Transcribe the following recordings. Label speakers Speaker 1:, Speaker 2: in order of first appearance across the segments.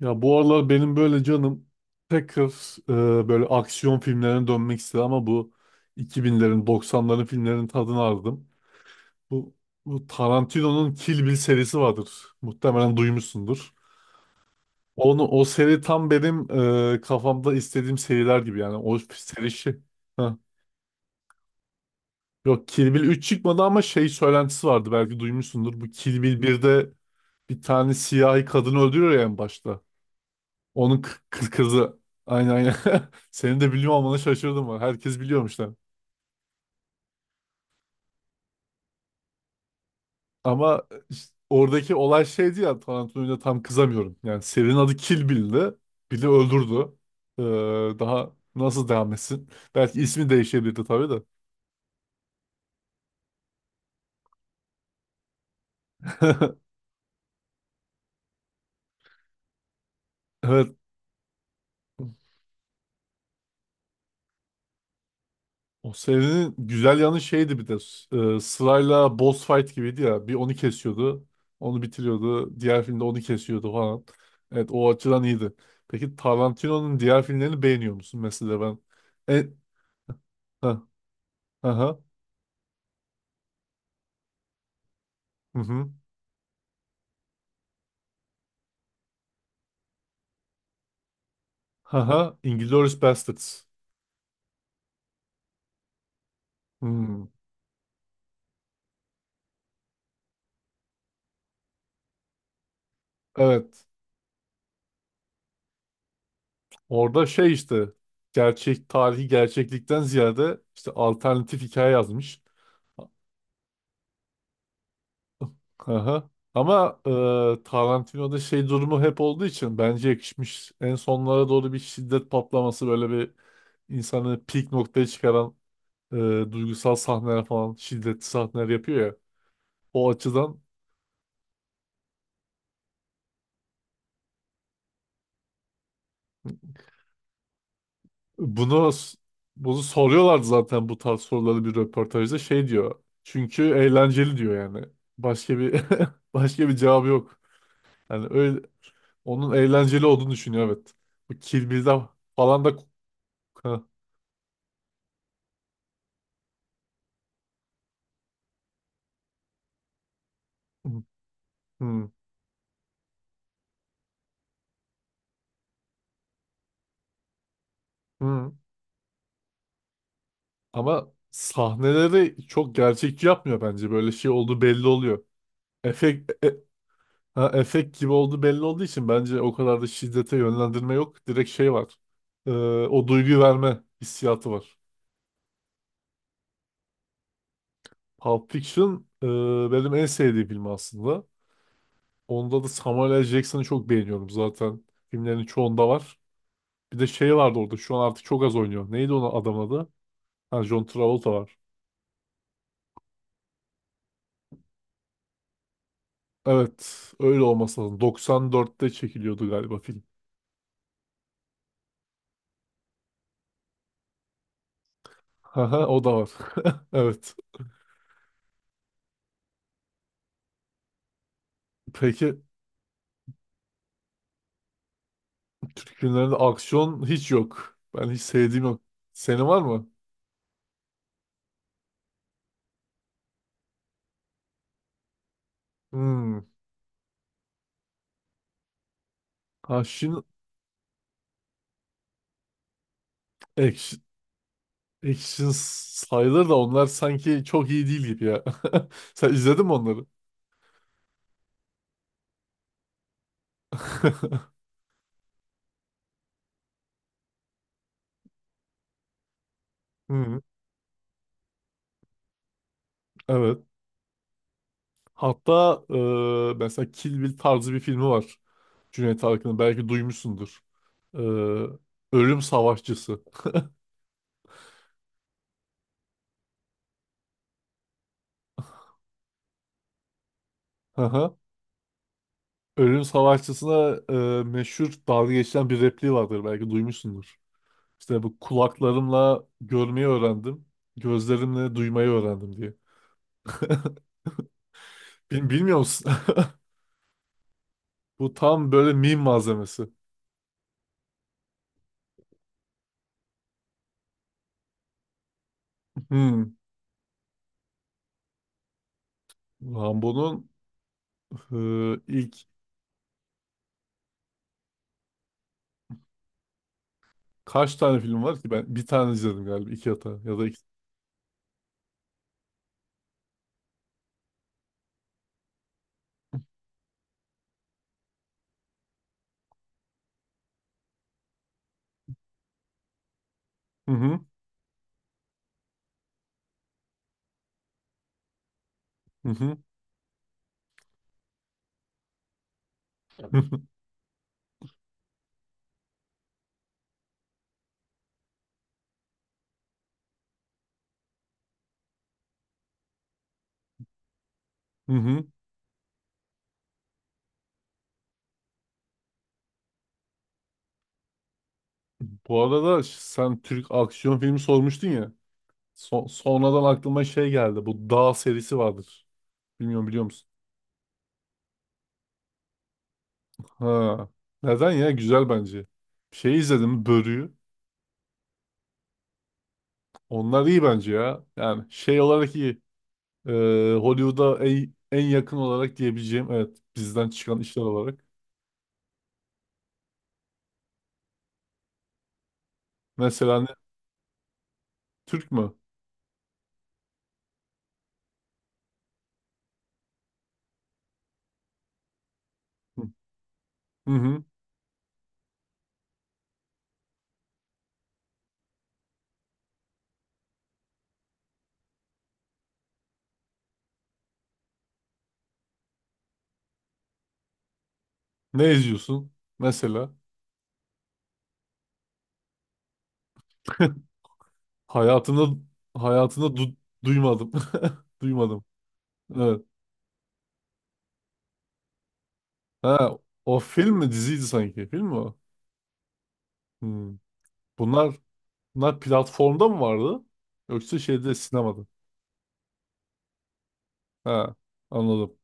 Speaker 1: Ya bu aralar benim böyle canım tekrar böyle aksiyon filmlerine dönmek istedim ama bu 2000'lerin 90'ların filmlerinin tadını aldım. Bu, bu Tarantino'nun Kill Bill serisi vardır. Muhtemelen duymuşsundur. Onu o seri tam benim kafamda istediğim seriler gibi yani o seri şey. Heh. Yok, Kill Bill 3 çıkmadı ama şey söylentisi vardı, belki duymuşsundur. Bu Kill Bill birde bir tane siyahi kadını öldürüyor ya en başta. Onun kızı. Aynen, aynen. Senin de biliyor olmana şaşırdım var. Herkes biliyormuş lan. Ama işte oradaki olay şeydi ya, Tarantino'ya tam kızamıyorum. Yani serinin adı Kill Bill'di. Bill'i öldürdü. Ee, Daha nasıl devam etsin? Belki ismi değişebilirdi tabii de. Evet. O serinin güzel yanı şeydi bir de sırayla boss fight gibiydi ya. Bir onu kesiyordu, onu bitiriyordu. Diğer filmde onu kesiyordu falan. Evet, o açıdan iyiydi. Peki Tarantino'nun diğer filmlerini beğeniyor musun? Mesela ben e, ha, aha, hı hı, aha, Inglourious Basterds. Hmm, evet. Orada şey işte gerçek tarihi gerçeklikten ziyade işte alternatif hikaye yazmış. Aha. Ama Tarantino'da şey durumu hep olduğu için bence yakışmış. En sonlara doğru bir şiddet patlaması, böyle bir insanı peak noktaya çıkaran e, duygusal sahneler falan, şiddetli sahneler yapıyor ya. O açıdan bunu bunu soruyorlardı zaten, bu tarz soruları bir röportajda şey diyor. Çünkü eğlenceli diyor yani. Başka bir başka bir cevabı yok. Yani öyle, onun eğlenceli olduğunu düşünüyor, evet. Bu Kill Bill'de falan da. Hı, hı. Hı. Ama sahneleri çok gerçekçi yapmıyor bence. Böyle şey olduğu belli oluyor. Efekt, e- ha, efekt gibi olduğu belli olduğu için bence o kadar da şiddete yönlendirme yok. Direkt şey var. Ee, O duyguyu verme hissiyatı var. Pulp Fiction benim en sevdiğim film aslında. Onda da Samuel L. Jackson'ı çok beğeniyorum zaten. Filmlerin çoğunda var. Bir de şey vardı orada. Şu an artık çok az oynuyor. Neydi onun adamın adı? Ha, John Travolta var. Evet, öyle olması lazım. 94'te çekiliyordu galiba film. Haha, o da var. Evet. Peki günlerde aksiyon hiç yok. Ben hiç sevdiğim yok. Senin var mı? Hmm. Action, action, action, sayılır da onlar sanki çok iyi değil gibi ya. Sen izledin mi onları? Hmm, evet. Hatta mesela Kill Bill tarzı bir filmi var. Cüneyt Arkın'ın. Belki duymuşsundur. E, Ölüm Savaşçısı. Haha. Ölüm Savaşçısına meşhur dalga geçilen bir repliği vardır. Belki duymuşsundur. İşte bu kulaklarımla görmeyi öğrendim. Gözlerimle duymayı öğrendim diye. Bilmiyor musun? Bu tam böyle meme malzemesi. Hmm. Rambo'nun e, ilk kaç tane film var ki? Ben bir tane izledim galiba. İki hata ya da iki. Hı hı. Hı hı. Hı hı. Bu arada sen Türk aksiyon filmi sormuştun ya. Sonradan aklıma şey geldi. Bu Dağ serisi vardır. Bilmiyorum, biliyor musun? Ha. Neden ya? Güzel bence. Şey izledim. Börü'yü. Onlar iyi bence ya. Yani şey olarak iyi. Ee, Hollywood'a en yakın olarak diyebileceğim, evet, bizden çıkan işler olarak. Mesela ne? Türk mü? Hı hı. Hı. Ne izliyorsun? Mesela hayatımda hayatımda duymadım. Duymadım. Evet. Ha, o film mi diziydi sanki? Film mi o? Hmm. Bunlar bunlar platformda mı vardı? Yoksa şeyde, sinemada. Ha, anladım.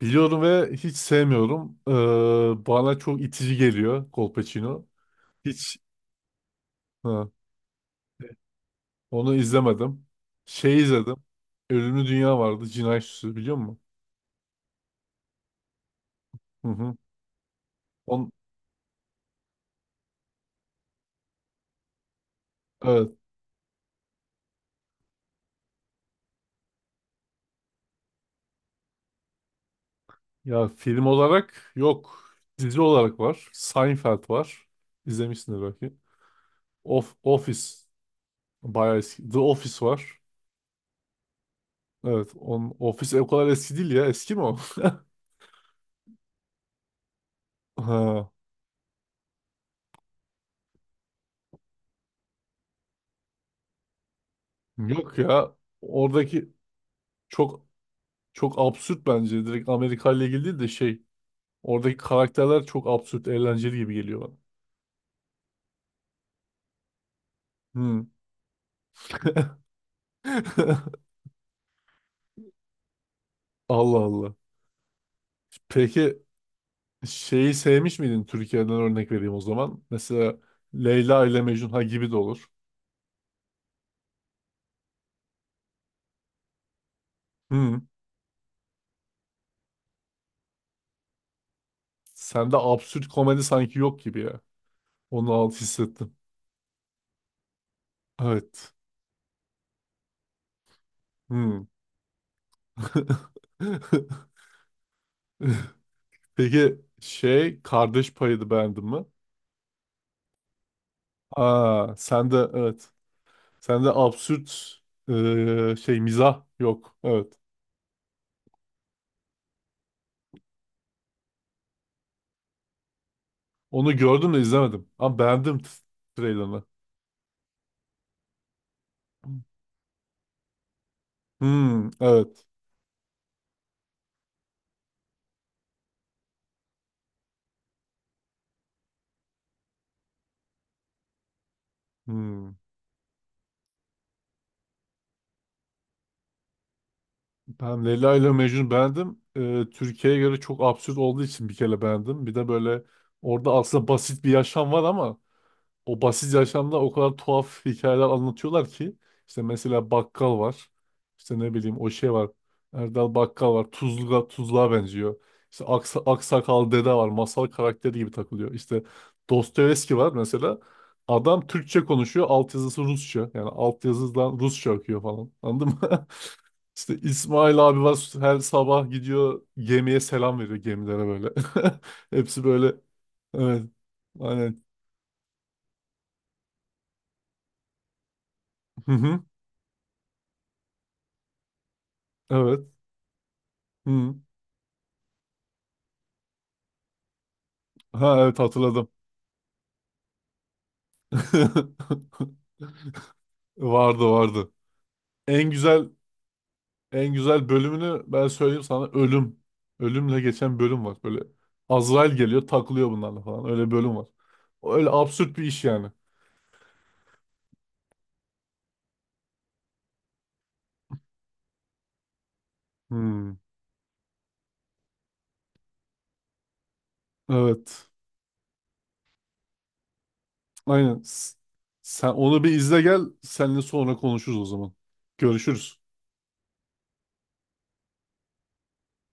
Speaker 1: Biliyorum ve hiç sevmiyorum. Bana çok itici geliyor Colpacino. Hiç, ha, onu izlemedim. Şey izledim. Ölümlü Dünya vardı. Cinayet Süsü biliyor musun? Hı hı. On, evet. Ya film olarak yok. Dizi olarak var. Seinfeld var. İzlemişsindir belki. Office. Bayağı eski. The Office var. Evet. Office o kadar eski değil ya. Eski mi o? Ha, yok ya. Oradaki çok çok absürt bence. Direkt Amerika ile ilgili değil de şey. Oradaki karakterler çok absürt, eğlenceli gibi geliyor bana. Hmm. Allah Allah. Peki şeyi sevmiş miydin, Türkiye'den örnek vereyim o zaman. Mesela Leyla ile Mecnun, ha, gibi de olur. Hmm. Sende absürt komedi sanki yok gibi ya. Onu alt hissettim. Evet. Hmm. Peki şey Kardeş Payı'nı beğendin mi? Aa, sen de, evet. Sende absürt şey mizah yok. Evet. Onu gördüm de izlemedim. Ama beğendim trailerını. Hmm, evet. Hmm. Ben Leyla ile Mecnun beğendim. Türkiye'ye göre çok absürt olduğu için bir kere beğendim. Bir de böyle orada aslında basit bir yaşam var ama o basit yaşamda o kadar tuhaf hikayeler anlatıyorlar ki, işte mesela bakkal var. İşte ne bileyim o şey var. Erdal Bakkal var. Tuzluğa, tuzluğa benziyor. İşte aksakal dede var. Masal karakteri gibi takılıyor. İşte Dostoyevski var mesela. Adam Türkçe konuşuyor. Altyazısı Rusça. Yani altyazıdan Rusça akıyor falan. Anladın mı? İşte İsmail abi var. Her sabah gidiyor gemiye selam veriyor, gemilere böyle. Hepsi böyle. Evet. Aynen. Hı hı. Evet. Hı. Ha, evet, hatırladım. Vardı, vardı. En güzel en güzel bölümünü ben söyleyeyim sana, ölüm. Ölümle geçen bölüm var. Böyle Azrail geliyor, takılıyor bunlarla falan. Öyle bölüm var. Öyle absürt bir iş yani. Hmm. Evet. Aynen. Sen onu bir izle gel. Seninle sonra konuşuruz o zaman. Görüşürüz.